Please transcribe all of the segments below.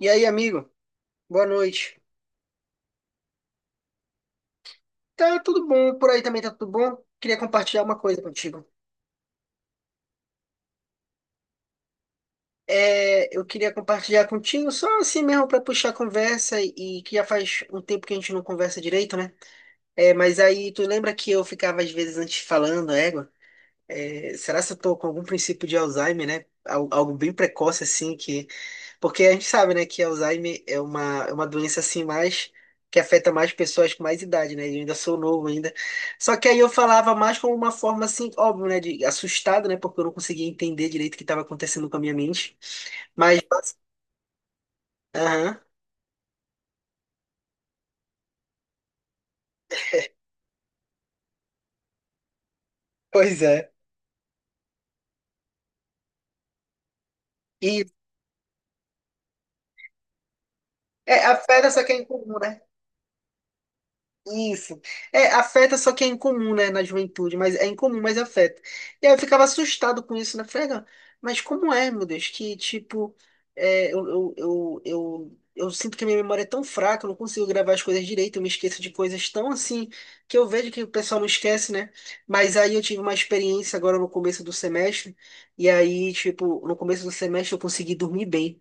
E aí, amigo? Boa noite. Tá tudo bom, por aí também tá tudo bom. Queria compartilhar uma coisa contigo. É, eu queria compartilhar contigo só assim mesmo para puxar a conversa e que já faz um tempo que a gente não conversa direito, né? É, mas aí tu lembra que eu ficava às vezes antes falando, é, égua? É, será se eu tô com algum princípio de Alzheimer, né? Algo bem precoce assim que. Porque a gente sabe, né, que Alzheimer é uma doença assim mais que afeta mais pessoas com mais idade, né? Eu ainda sou novo ainda. Só que aí eu falava mais como uma forma assim, óbvio, né, de assustado, né, porque eu não conseguia entender direito o que estava acontecendo com a minha mente. Mas, aham, pois é. E é, afeta só que é incomum, né? Isso. É, afeta só que é incomum, né, na juventude, mas é incomum, mas afeta. E aí eu ficava assustado com isso, né? Falei, "Ah, mas como é, meu Deus, que tipo, eu sinto que a minha memória é tão fraca, eu não consigo gravar as coisas direito, eu me esqueço de coisas tão assim, que eu vejo que o pessoal não esquece, né? Mas aí eu tive uma experiência agora no começo do semestre, e aí, tipo, no começo do semestre eu consegui dormir bem.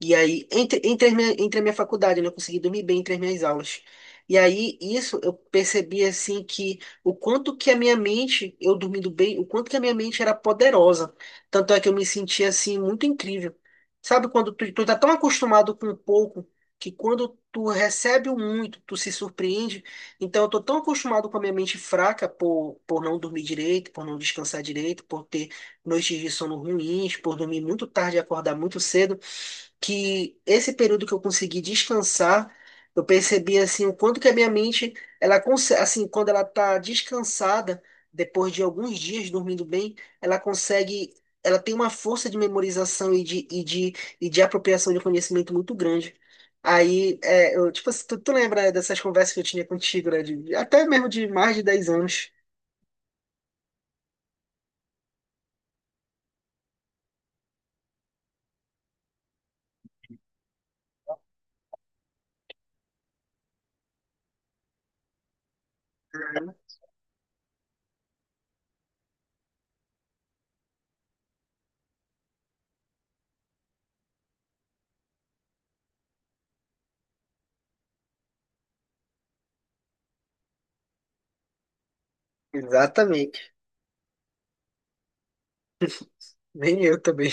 E aí, entre entre a minha faculdade, né, eu consegui dormir bem entre as minhas aulas. E aí, isso eu percebi assim que o quanto que a minha mente, eu dormindo bem, o quanto que a minha mente era poderosa. Tanto é que eu me sentia assim muito incrível. Sabe quando tu tá tão acostumado com pouco que quando tu recebe o muito, tu se surpreende. Então eu tô tão acostumado com a minha mente fraca por não dormir direito, por não descansar direito, por ter noites de sono ruins, por dormir muito tarde e acordar muito cedo, que esse período que eu consegui descansar, eu percebi assim o quanto que a minha mente, ela consegue, assim, quando ela tá descansada, depois de alguns dias dormindo bem, ela consegue, ela tem uma força de memorização e de apropriação de conhecimento muito grande. Aí, tipo, assim, tu lembra dessas conversas que eu tinha contigo, né? Até mesmo de mais de 10 anos. Exatamente. Nem eu também.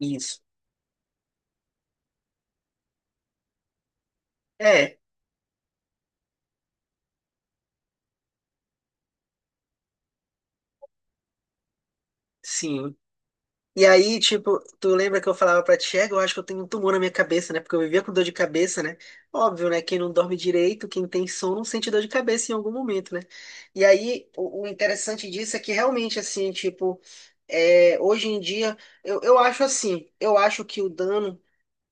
Isso. É, sim. E aí, tipo, tu lembra que eu falava pra ti, "É, eu acho que eu tenho um tumor na minha cabeça, né? Porque eu vivia com dor de cabeça, né? Óbvio, né? Quem não dorme direito, quem tem sono, sente dor de cabeça em algum momento, né? E aí, o interessante disso é que realmente, assim, tipo, é, hoje em dia, eu acho assim, eu acho que o dano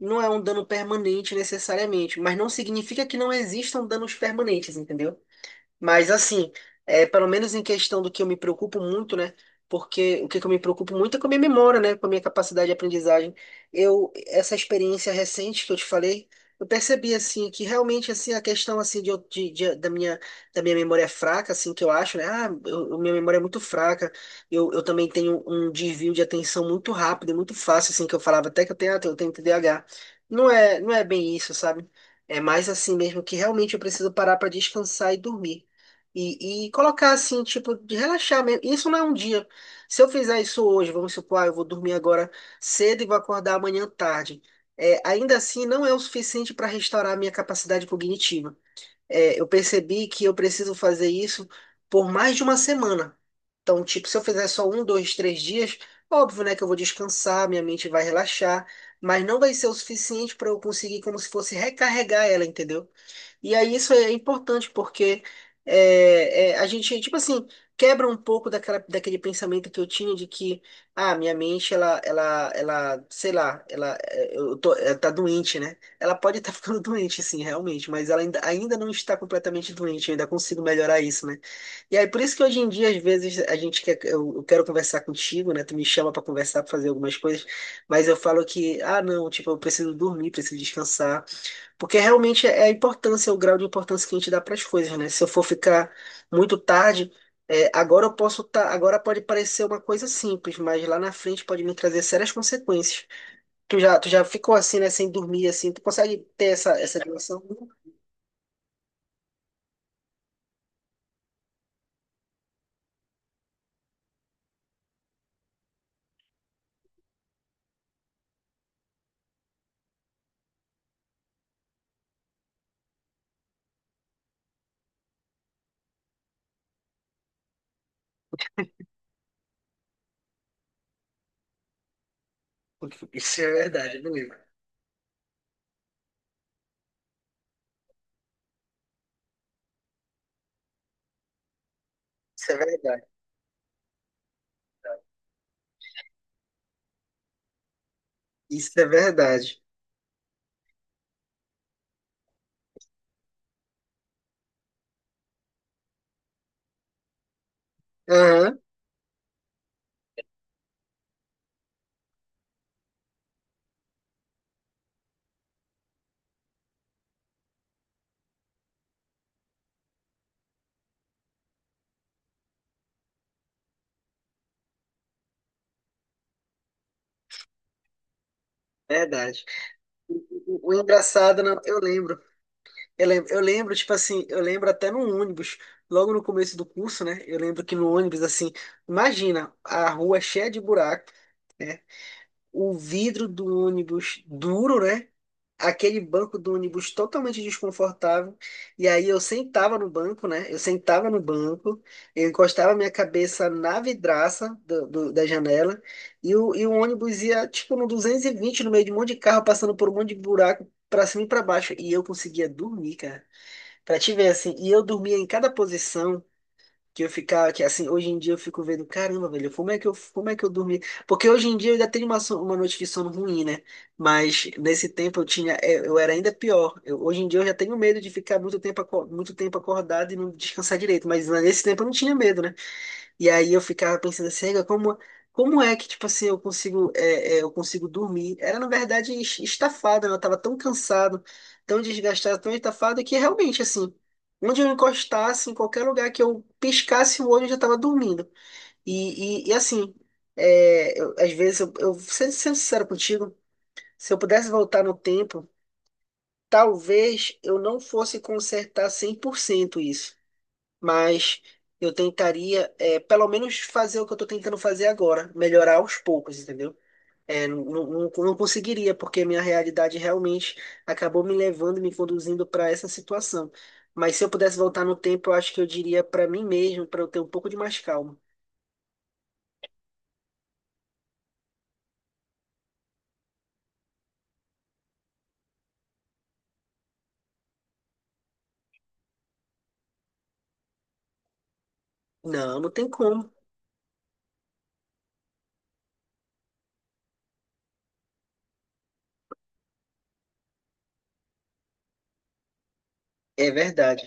não é um dano permanente necessariamente, mas não significa que não existam danos permanentes, entendeu? Mas assim, é, pelo menos em questão do que eu me preocupo muito, né? Porque o que que eu me preocupo muito é com a minha memória, né? Com a minha capacidade de aprendizagem. Eu, essa experiência recente que eu te falei, eu percebi assim que realmente assim a questão assim de, eu- de- da minha memória é fraca, assim que eu acho, né? Minha memória é muito fraca. Eu também tenho um desvio de atenção muito rápido, e muito fácil, assim que eu falava até que eu tenho, eu tenho TDAH. Não é, não é bem isso, sabe? É mais assim mesmo que realmente eu preciso parar para descansar e dormir. E colocar assim, tipo, de relaxar mesmo. Isso não é um dia. Se eu fizer isso hoje, vamos supor, eu vou dormir agora cedo e vou acordar amanhã tarde. É, ainda assim, não é o suficiente para restaurar a minha capacidade cognitiva. É, eu percebi que eu preciso fazer isso por mais de uma semana. Então, tipo, se eu fizer só um, dois, três dias, óbvio, né, que eu vou descansar, minha mente vai relaxar, mas não vai ser o suficiente para eu conseguir, como se fosse recarregar ela, entendeu? E aí isso é importante porque a gente, tipo assim, quebra um pouco daquela, daquele pensamento que eu tinha de que, ah, minha mente, sei lá, ela, é, eu tô, ela tá doente, né? Ela pode estar ficando doente, sim, realmente, mas ela ainda, ainda não está completamente doente, eu ainda consigo melhorar isso, né? E aí, por isso que hoje em dia, às vezes, eu quero conversar contigo, né? Tu me chama para conversar, para fazer algumas coisas, mas eu falo que, ah, não, tipo, eu preciso dormir, preciso descansar, porque realmente é a importância, o grau de importância que a gente dá para as coisas, né? Se eu for ficar muito tarde, é, agora eu posso tá, agora pode parecer uma coisa simples, mas lá na frente pode me trazer sérias consequências. Tu já ficou assim, né, sem dormir, assim, tu consegue ter essa, essa dimensão? Isso é verdade, não lembro. Isso é verdade. Isso é verdade. Aham, verdade. O, o engraçado, não, eu lembro. Eu lembro, eu lembro, tipo assim, eu lembro até no ônibus, logo no começo do curso, né? Eu lembro que no ônibus, assim, imagina, a rua é cheia de buraco, o vidro do ônibus duro, né? Aquele banco do ônibus totalmente desconfortável. E aí eu sentava no banco, né? Eu sentava no banco, eu encostava minha cabeça na vidraça da janela, e o ônibus ia, tipo, no 220 no meio de um monte de carro, passando por um monte de buraco, pra cima e pra baixo. E eu conseguia dormir. Pra te ver, assim, e eu dormia em cada posição que eu ficava, que assim, hoje em dia eu fico vendo, caramba, velho, como é que eu dormi? Porque hoje em dia eu ainda tenho uma, uma noite de sono ruim, né? Mas nesse tempo eu tinha, é, eu era ainda pior. Hoje em dia eu já tenho medo de ficar muito tempo, muito tempo acordado e não descansar direito, mas nesse tempo eu não tinha medo, né? E aí eu ficava pensando assim, "Ega, como é que, tipo assim, eu consigo dormir? Era, na verdade, estafado, né? Eu tava tão cansado, tão desgastado, tão estafado, que realmente, assim, onde eu encostasse, em qualquer lugar que eu piscasse o olho, eu já tava dormindo. Assim, às vezes, eu sendo, sendo sincero contigo, se eu pudesse voltar no tempo, talvez eu não fosse consertar 100% isso, mas eu tentaria, pelo menos, fazer o que eu tô tentando fazer agora, melhorar aos poucos, entendeu? É, não conseguiria, porque a minha realidade realmente acabou me levando, me conduzindo para essa situação. Mas se eu pudesse voltar no tempo, eu acho que eu diria para mim mesmo, para eu ter um pouco de mais calma. Não, não tem como. É verdade.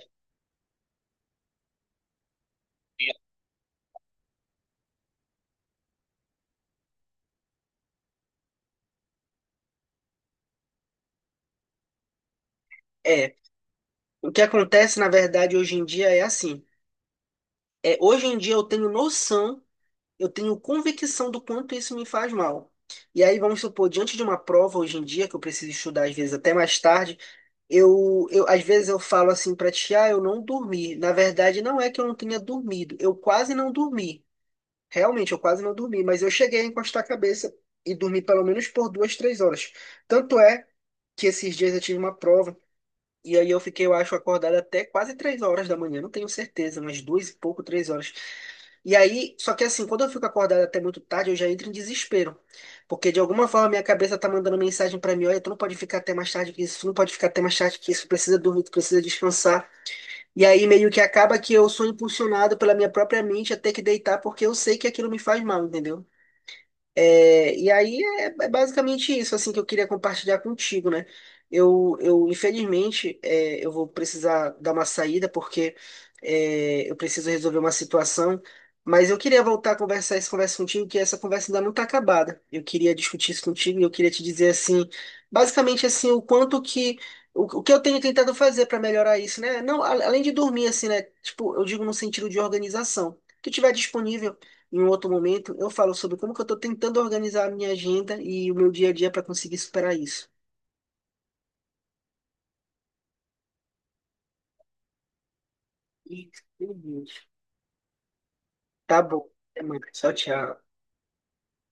É, o que acontece, na verdade, hoje em dia é assim. É, hoje em dia eu tenho noção, eu tenho convicção do quanto isso me faz mal. E aí, vamos supor, diante de uma prova hoje em dia, que eu preciso estudar às vezes até mais tarde, eu às vezes eu falo assim para ti, ah, eu não dormi. Na verdade, não é que eu não tenha dormido, eu quase não dormi. Realmente, eu quase não dormi, mas eu cheguei a encostar a cabeça e dormi pelo menos por duas, três horas. Tanto é que esses dias eu tive uma prova. E aí eu fiquei, eu acho, acordado até quase três horas da manhã, não tenho certeza, mas duas e pouco, três horas. E aí, só que assim, quando eu fico acordado até muito tarde, eu já entro em desespero. Porque de alguma forma minha cabeça tá mandando mensagem pra mim, olha, tu não pode ficar até mais tarde que isso, tu não pode ficar até mais tarde que isso, tu precisa dormir, tu precisa descansar. E aí meio que acaba que eu sou impulsionado pela minha própria mente até que deitar, porque eu sei que aquilo me faz mal, entendeu? E aí basicamente isso assim que eu queria compartilhar contigo, né? Eu infelizmente eu vou precisar dar uma saída porque eu preciso resolver uma situação, mas eu queria voltar a conversar essa conversa contigo, que essa conversa ainda não está acabada. Eu queria discutir isso contigo e eu queria te dizer assim, basicamente assim, o quanto que o que eu tenho tentado fazer para melhorar isso, né? Não, além de dormir assim, né? Tipo, eu digo no sentido de organização. O que tiver disponível em um outro momento, eu falo sobre como que eu estou tentando organizar a minha agenda e o meu dia a dia para conseguir superar isso. E, meu Deus. Tá bom. Até mais. Tchau, tchau.